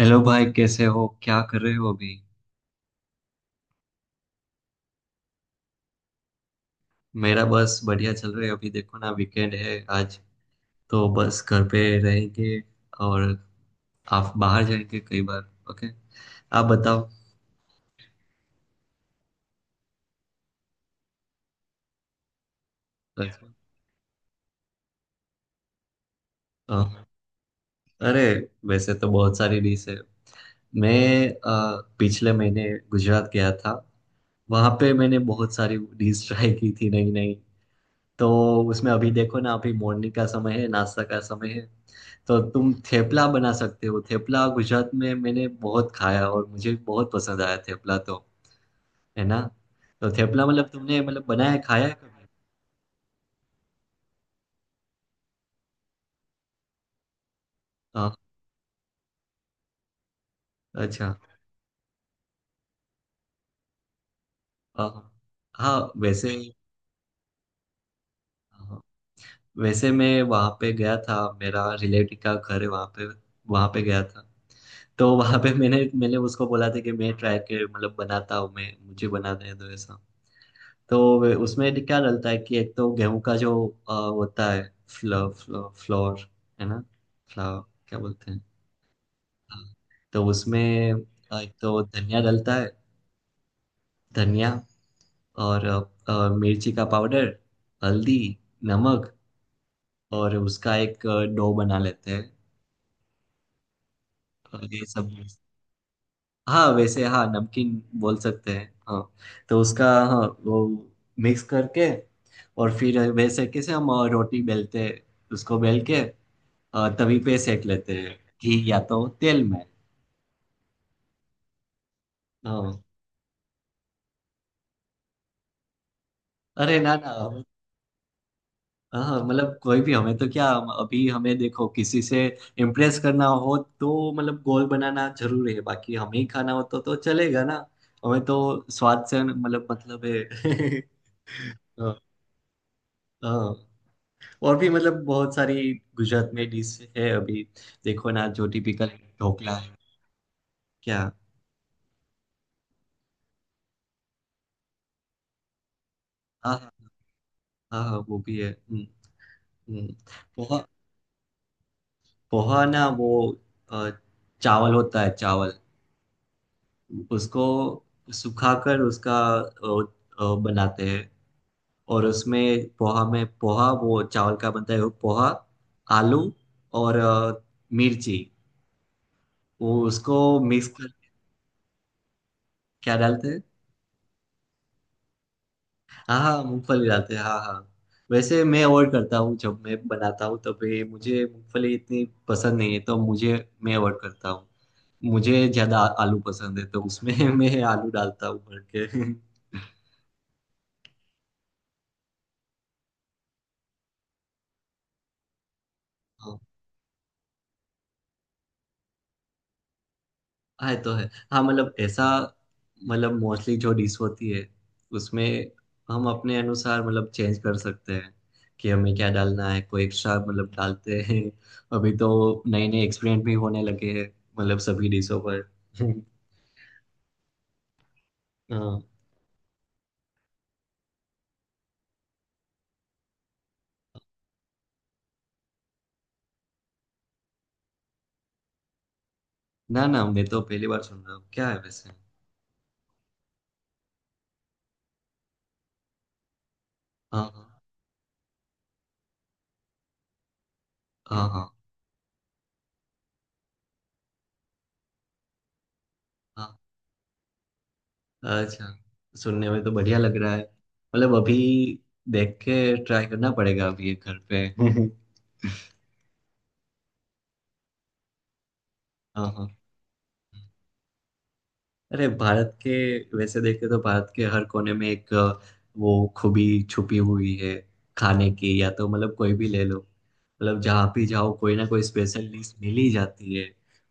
Hello भाई, कैसे हो? क्या कर रहे हो अभी? मेरा बस बढ़िया चल रहा है। अभी देखो ना, वीकेंड है आज तो बस घर पे रहेंगे। और आप बाहर जाएंगे कई बार। ओके, आप बताओ। कैसे? हाँ। अरे, वैसे तो बहुत सारी डिश है। मैं पिछले महीने गुजरात गया था। वहाँ पे मैंने बहुत सारी डिश ट्राई की थी, नई नई। तो उसमें अभी देखो ना, अभी मॉर्निंग का समय है, नाश्ता का समय है। तो तुम थेपला बना सकते हो। थेपला गुजरात में मैंने बहुत खाया और मुझे बहुत पसंद आया थेपला, तो है ना। तो थेपला मतलब तुमने मतलब बनाया खाया है कभी? हाँ। अच्छा। हाँ हाँ। हाँ, वैसे। हाँ, वैसे मैं वहाँ पे गया था। मेरा रिलेटिव का घर है वहाँ पे, वहाँ पे गया था। तो वहाँ पे मैंने मैंने उसको बोला था कि मैं ट्राई कर मतलब बनाता हूँ, मैं, मुझे बना दे दो ऐसा। तो उसमें क्या डलता है कि एक तो गेहूं का जो होता है, फ्लो, फ्लो, फ्लोर, है ना, फ्लावर, क्या बोलते हैं। हाँ। तो उसमें एक तो धनिया डलता है। धनिया, और मिर्ची का पाउडर, हल्दी, नमक, और उसका एक डो बना लेते हैं। और ये सब। हाँ, वैसे हाँ, नमकीन बोल सकते हैं हाँ। तो उसका, हाँ, वो मिक्स करके और फिर वैसे कैसे हम रोटी बेलते हैं, उसको बेल के और तभी पे सेक लेते हैं, घी या तो तेल में। हाँ। अरे ना ना। हाँ हाँ, मतलब कोई भी हमें तो क्या, अभी हमें देखो किसी से इम्प्रेस करना हो तो मतलब गोल बनाना जरूरी है, बाकी हमें ही खाना हो तो चलेगा ना। हमें तो स्वाद से मतलब है। हाँ। हाँ। और भी मतलब बहुत सारी गुजरात में डिश है अभी, देखो ना, जो टिपिकल ढोकला है, क्या। हाँ हाँ। हाँ हाँ, वो भी है। हम्म। पोहा, पोहा ना वो अ, चावल होता है, चावल। उसको सुखाकर उसका बनाते हैं। और उसमें पोहा, में पोहा, वो चावल का बनता है वो पोहा। आलू और मिर्ची, वो उसको मिक्स कर। क्या डालते हैं? हाँ हाँ, मूंगफली डालते हैं हाँ हाँ। वैसे मैं अवॉइड करता हूँ जब मैं बनाता हूँ, तभी मुझे मूंगफली इतनी पसंद नहीं है तो मुझे, मैं अवॉइड करता हूँ। मुझे ज्यादा आलू पसंद है, तो उसमें मैं आलू डालता हूँ भर के। हाँ। हाँ, ये तो है। हाँ, मतलब ऐसा, मतलब मोस्टली जो डिश होती है उसमें हम अपने अनुसार मतलब चेंज कर सकते हैं कि हमें क्या डालना है, कोई एक्स्ट्रा मतलब डालते हैं। अभी तो नए नए एक्सपेरिमेंट भी होने लगे हैं मतलब सभी डिशों पर। हाँ। ना ना, मैं तो पहली बार सुन रहा हूँ, क्या है वैसे? हाँ हाँ। हाँ हाँ। हाँ। अच्छा, सुनने में तो बढ़िया लग रहा है। मतलब अभी देख के ट्राई करना पड़ेगा अभी ये घर पे। हाँ हाँ। अरे भारत के, वैसे देखे तो भारत के हर कोने में एक वो खूबी छुपी हुई है खाने की, या तो मतलब कोई भी ले लो, मतलब जहाँ भी जाओ कोई ना कोई स्पेशल डिश मिल ही जाती है।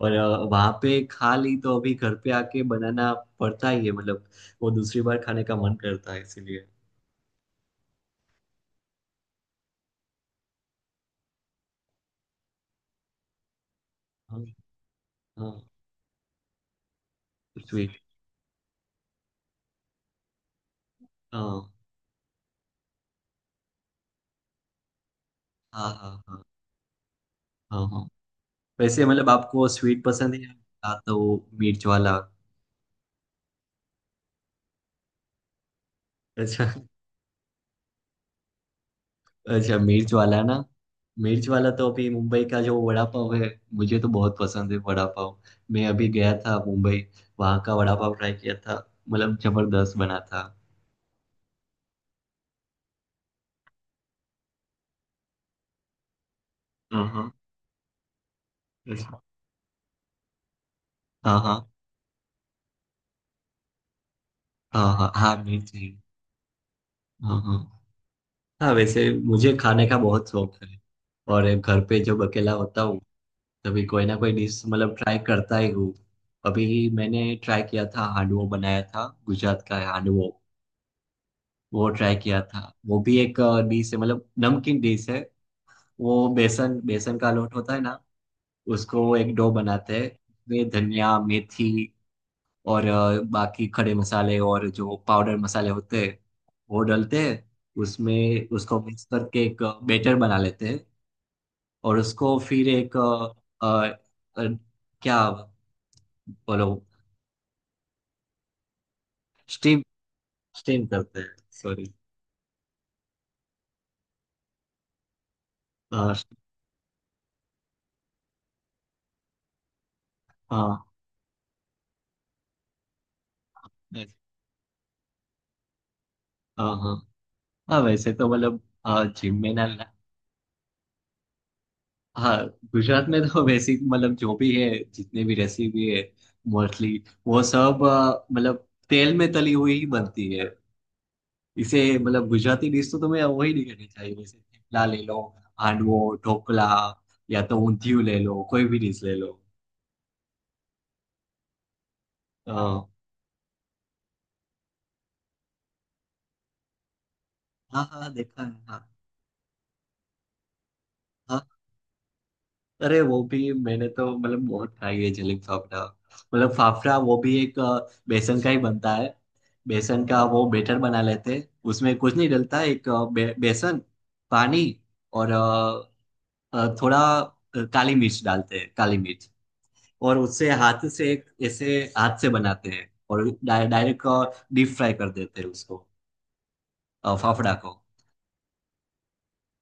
और वहाँ पे खा ली तो अभी घर पे आके बनाना पड़ता ही है, मतलब वो दूसरी बार खाने का मन करता है इसीलिए। हाँ। हाँ। स्वीट, हाँ हाँ हाँ। हाँ हाँ। हाँ, वैसे मतलब आपको स्वीट पसंद है या तो मिर्च वाला? अच्छा। अच्छा, मिर्च वाला ना। मिर्च वाला तो अभी मुंबई का जो वड़ा पाव है मुझे तो बहुत पसंद है वड़ा पाव। मैं अभी गया था मुंबई, वहाँ का वड़ा पाव ट्राई किया था, मतलब जबरदस्त बना था। हाँ हाँ। अच्छा। हाँ हाँ हाँ। हाँ हाँ मिर्च है। हाँ हाँ। हाँ, वैसे मुझे खाने का बहुत शौक है। और घर पे जब अकेला होता हूँ, तभी कोई ना कोई डिश मतलब ट्राई करता ही हूँ। अभी मैंने ट्राई किया था, हांडवो बनाया था, गुजरात का है हांडवो। वो ट्राई किया था। वो भी एक डिश है, मतलब नमकीन डिश है। वो बेसन बेसन का लोट होता है ना, उसको एक डो बनाते हैं। वे धनिया, मेथी और बाकी खड़े मसाले और जो पाउडर मसाले होते हैं वो डालते हैं उसमें। उसको मिक्स करके एक बैटर बना लेते हैं। और उसको फिर एक अ, अ, क्या, बोलो। स्टीम, स्टीम करते हैं, सॉरी। हाँ। हाँ। हाँ हाँ। हाँ, वैसे तो मतलब हाँ जिम में ना ना- हाँ गुजरात में तो बेसिक मतलब जो भी है, जितने भी रेसिपी है, मोस्टली वो सब मतलब तेल में तली हुई ही बनती है। इसे मतलब गुजराती डिश तो तुम्हें वही नहीं करनी चाहिए, जैसे थेपला ले लो, हांडवो, ढोकला, या तो ऊंधियू ले लो, कोई भी डिश ले लो। हाँ हाँ, देखा है हाँ। हाँ, अरे वो भी मैंने तो मतलब बहुत खाई है जलेब फाफड़ा। मतलब फाफड़ा, वो भी एक बेसन का ही बनता है। बेसन का वो बेटर बना लेते हैं। उसमें कुछ नहीं डलता, एक बेसन, पानी, और थोड़ा काली मिर्च डालते हैं, काली मिर्च। और उससे हाथ से, एक ऐसे हाथ से बनाते हैं, और डायरेक्ट डीप फ्राई कर देते हैं उसको, फाफड़ा को।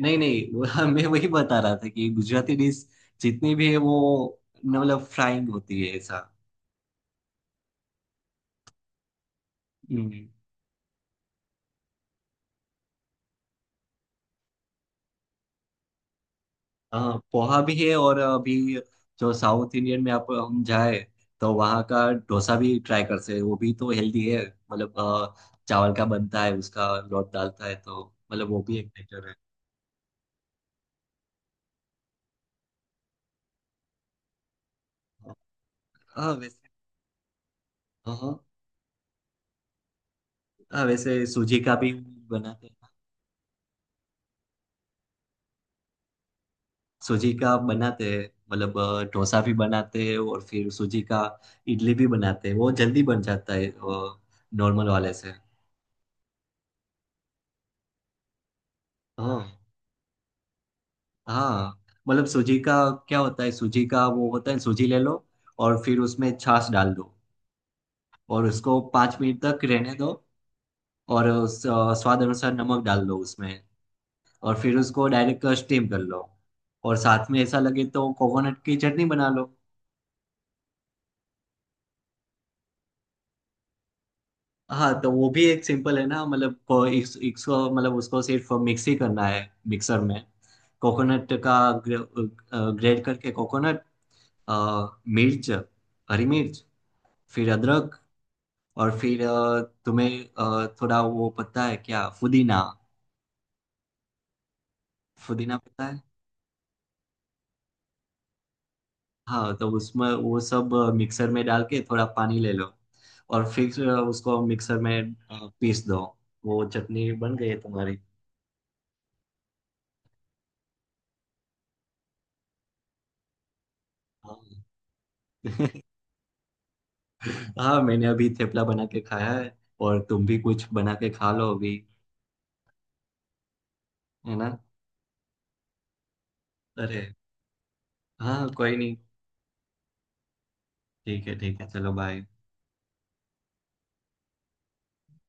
नहीं नहीं मैं वही बता रहा था कि गुजराती डिश जितनी भी है वो मतलब फ्राइंग होती है ऐसा। हम्म। हाँ पोहा भी है। और अभी जो साउथ इंडियन में आप हम जाए तो वहाँ का डोसा भी ट्राई कर सकते हैं। वो भी तो हेल्दी है। मतलब चावल का बनता है, उसका लौट डालता है तो मतलब वो भी एक बेटर है। हाँ, वैसे। हाँ हाँ, वैसे सूजी का भी बनाते हैं। सूजी का बनाते हैं मतलब डोसा भी बनाते हैं और फिर सूजी का इडली भी बनाते हैं, वो जल्दी बन जाता है नॉर्मल वाले से। हाँ हाँ, मतलब सूजी का क्या होता है, सूजी का वो होता है, सूजी ले लो और फिर उसमें छाछ डाल दो और उसको 5 मिनट तक रहने दो और स्वाद अनुसार नमक डाल दो उसमें। और फिर उसको डायरेक्ट स्टीम कर लो। और साथ में ऐसा लगे तो कोकोनट की चटनी बना लो। हाँ तो वो भी एक सिंपल है ना, मतलब इसको मतलब उसको सिर्फ मिक्स ही करना है मिक्सर में। कोकोनट का ग्रेट करके, कोकोनट, मिर्च, हरी मिर्च, फिर अदरक, और फिर तुम्हें थोड़ा वो पता है क्या, पुदीना। पुदीना पता है? हाँ, तो उसमें वो सब मिक्सर में डाल के थोड़ा पानी ले लो और फिर उसको मिक्सर में पीस दो। वो चटनी बन गई है तुम्हारी। हाँ। हाँ, मैंने अभी थेपला बना के खाया है और तुम भी कुछ बना के खा लो अभी, है ना। अरे हाँ, कोई नहीं। ठीक है ठीक है, चलो बाय।